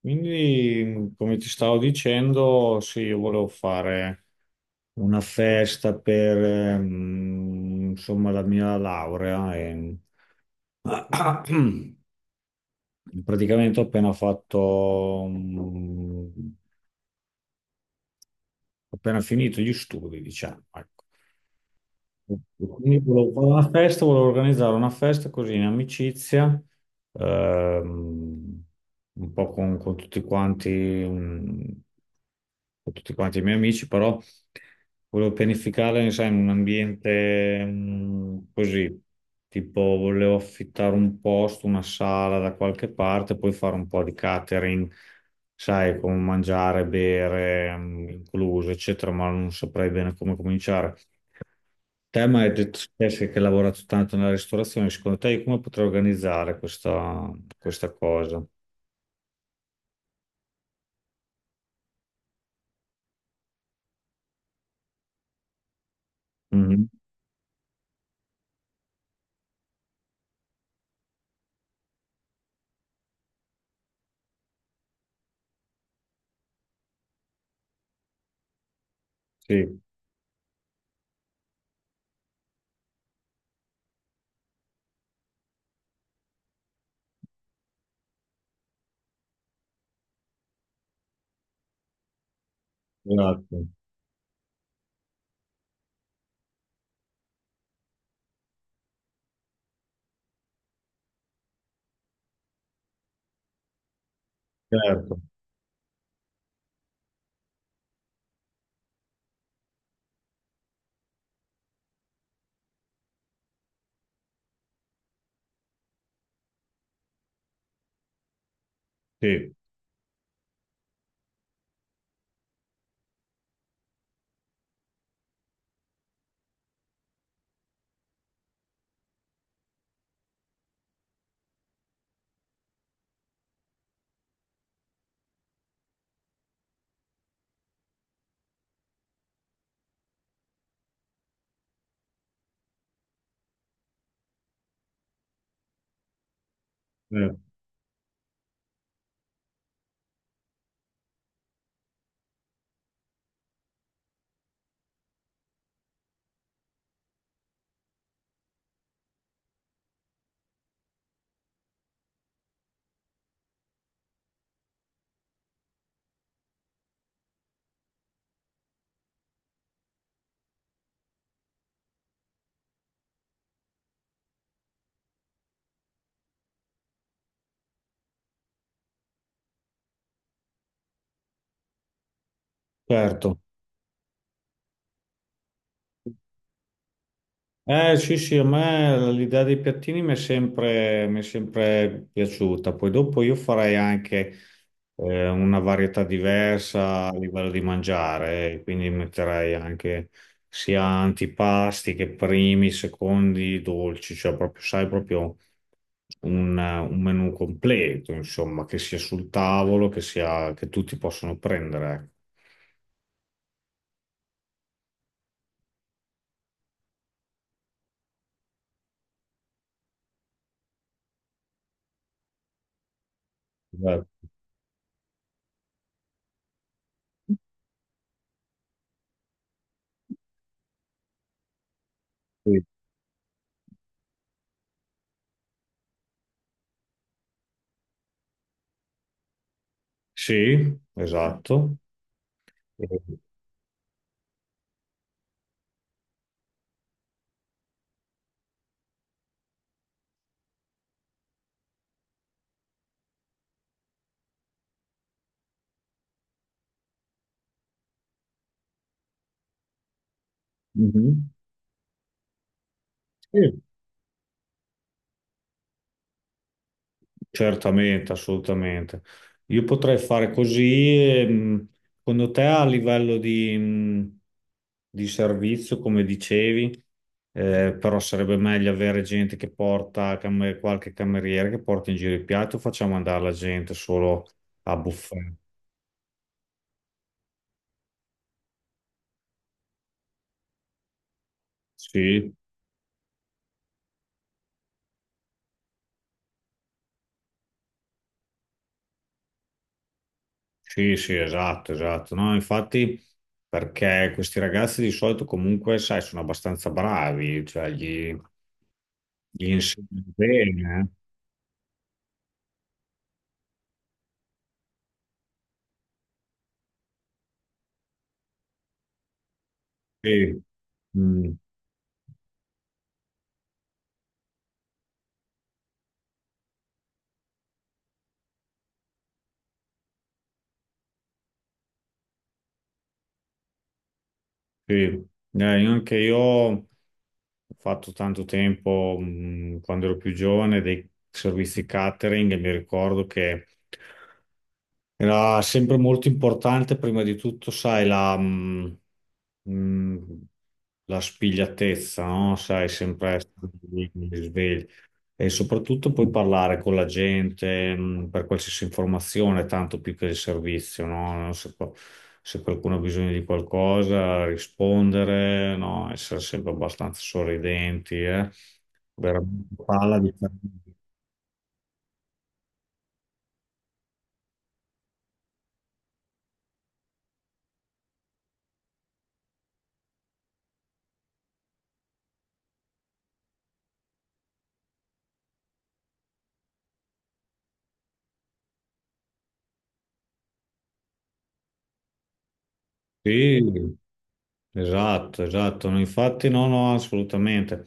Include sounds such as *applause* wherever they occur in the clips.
Quindi, come ti stavo dicendo, sì, io volevo fare una festa per, insomma, la mia laurea. E... *clears throat* Praticamente ho appena finito gli studi, diciamo. Ecco. Quindi volevo fare una festa, volevo organizzare una festa così in amicizia, ehm, un po' con tutti quanti, con tutti quanti i miei amici, però volevo pianificarla, sai, in un ambiente, così, tipo volevo affittare un posto, una sala da qualche parte, poi fare un po' di catering, sai, con mangiare, bere, incluso, eccetera, ma non saprei bene come cominciare. Te mi hai detto Jessica, che hai lavorato tanto nella ristorazione, secondo te io come potrei organizzare questa cosa? Mhm. Sì, esatto, certo, sì, eh, certo. Eh sì, sì, a me l'idea dei piattini mi è sempre piaciuta, poi dopo io farei anche una varietà diversa a livello di mangiare, quindi metterei anche sia antipasti che primi, secondi, dolci, cioè proprio, sai, proprio un menù completo, insomma, che sia sul tavolo, che tutti possono prendere. Ecco. Esatto. Sì, sì, esatto. Eh, mhm. Sì, certamente, assolutamente. Io potrei fare così, secondo te a livello di servizio, come dicevi, però sarebbe meglio avere gente che qualche cameriere che porta in giro i piatti o facciamo andare la gente solo a buffet? Sì, sì, sì, esatto, esatto. No, infatti, perché questi ragazzi di solito comunque, sai, sono abbastanza bravi, gli insegnano bene. Eh. Sì, sì. Io anche io ho fatto tanto tempo, quando ero più giovane, dei servizi catering e mi ricordo che era sempre molto importante, prima di tutto, sai, mh, la spigliatezza, no? Sai, sempre essere lì, svegli. E soprattutto poi parlare con la gente, per qualsiasi informazione, tanto più che il servizio, no? Se qualcuno ha bisogno di qualcosa, rispondere, no? Essere sempre abbastanza sorridenti, eh? Veramente palla di... Sì, esatto, esatto, no, infatti no, no, assolutamente.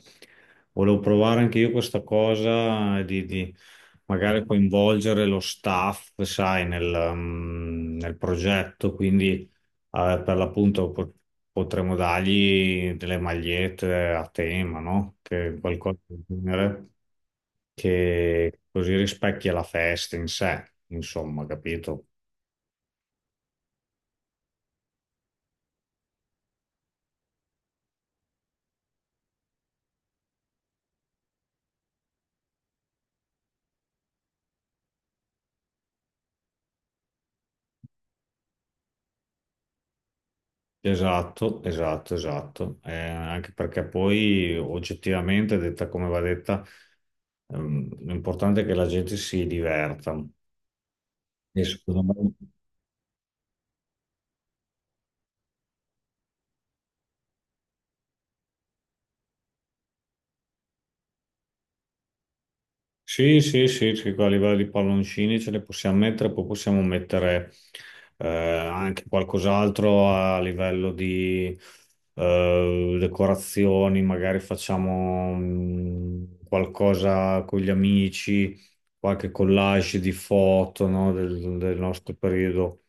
Volevo provare anche io questa cosa di magari coinvolgere lo staff, sai, nel progetto, quindi per l'appunto potremmo dargli delle magliette a tema, no? Che qualcosa del genere che così rispecchia la festa in sé, insomma, capito? Esatto, esatto, esatto. Anche perché poi oggettivamente, detta come va detta, l'importante è che la gente si diverta. E secondo me sì, sì, sì, sì, qua a livello di palloncini ce ne possiamo mettere, poi possiamo mettere anche qualcos'altro a livello di decorazioni, magari facciamo qualcosa con gli amici, qualche collage di foto, no, del nostro periodo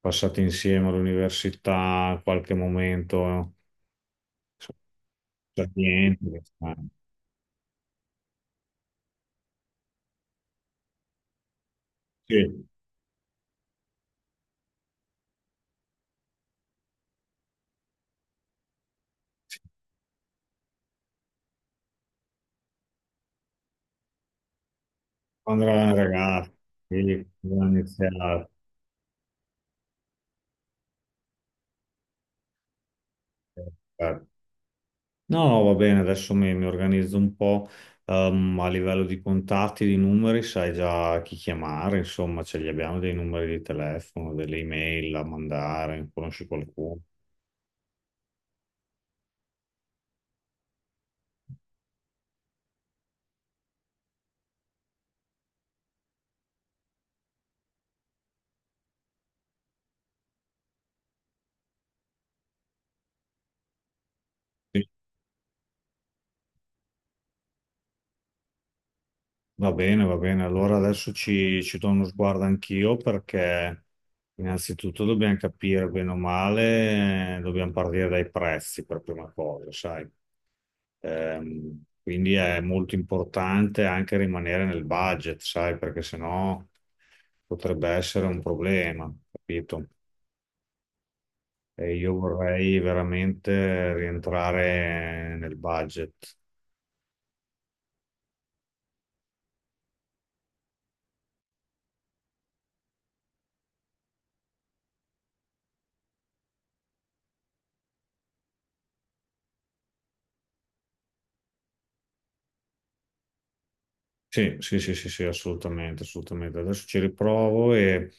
passato insieme all'università, qualche momento, niente. Eh. Sì, sì, quando eravamo ragazzi, sì, quando iniziato. Certo. No, va bene, adesso mi organizzo un po' a livello di contatti, di numeri, sai già chi chiamare, insomma, ce li abbiamo dei numeri di telefono, delle email da mandare, conosci qualcuno? Sì, va bene, va bene. Allora adesso ci do uno sguardo anch'io perché innanzitutto dobbiamo capire bene o male, dobbiamo partire dai prezzi per prima cosa, sai? Quindi è molto importante anche rimanere nel budget, sai, perché sennò potrebbe essere un problema, capito? E io vorrei veramente rientrare nel budget. Sì, sì, sì, sì, sì, assolutamente, assolutamente. Adesso ci riprovo e,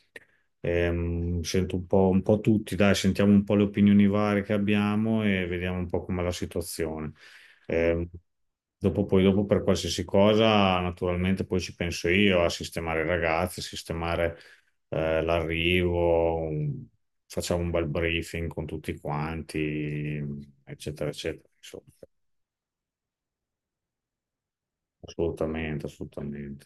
sento un po' tutti, dai, sentiamo un po' le opinioni varie che abbiamo e vediamo un po' com'è la situazione. Ehm, Dopo, dopo per qualsiasi cosa, naturalmente poi ci penso io a sistemare i ragazzi, a sistemare, eh, l'arrivo, un- facciamo un bel briefing con tutti quanti, eccetera, eccetera. Insomma, assolutamente, assolutamente.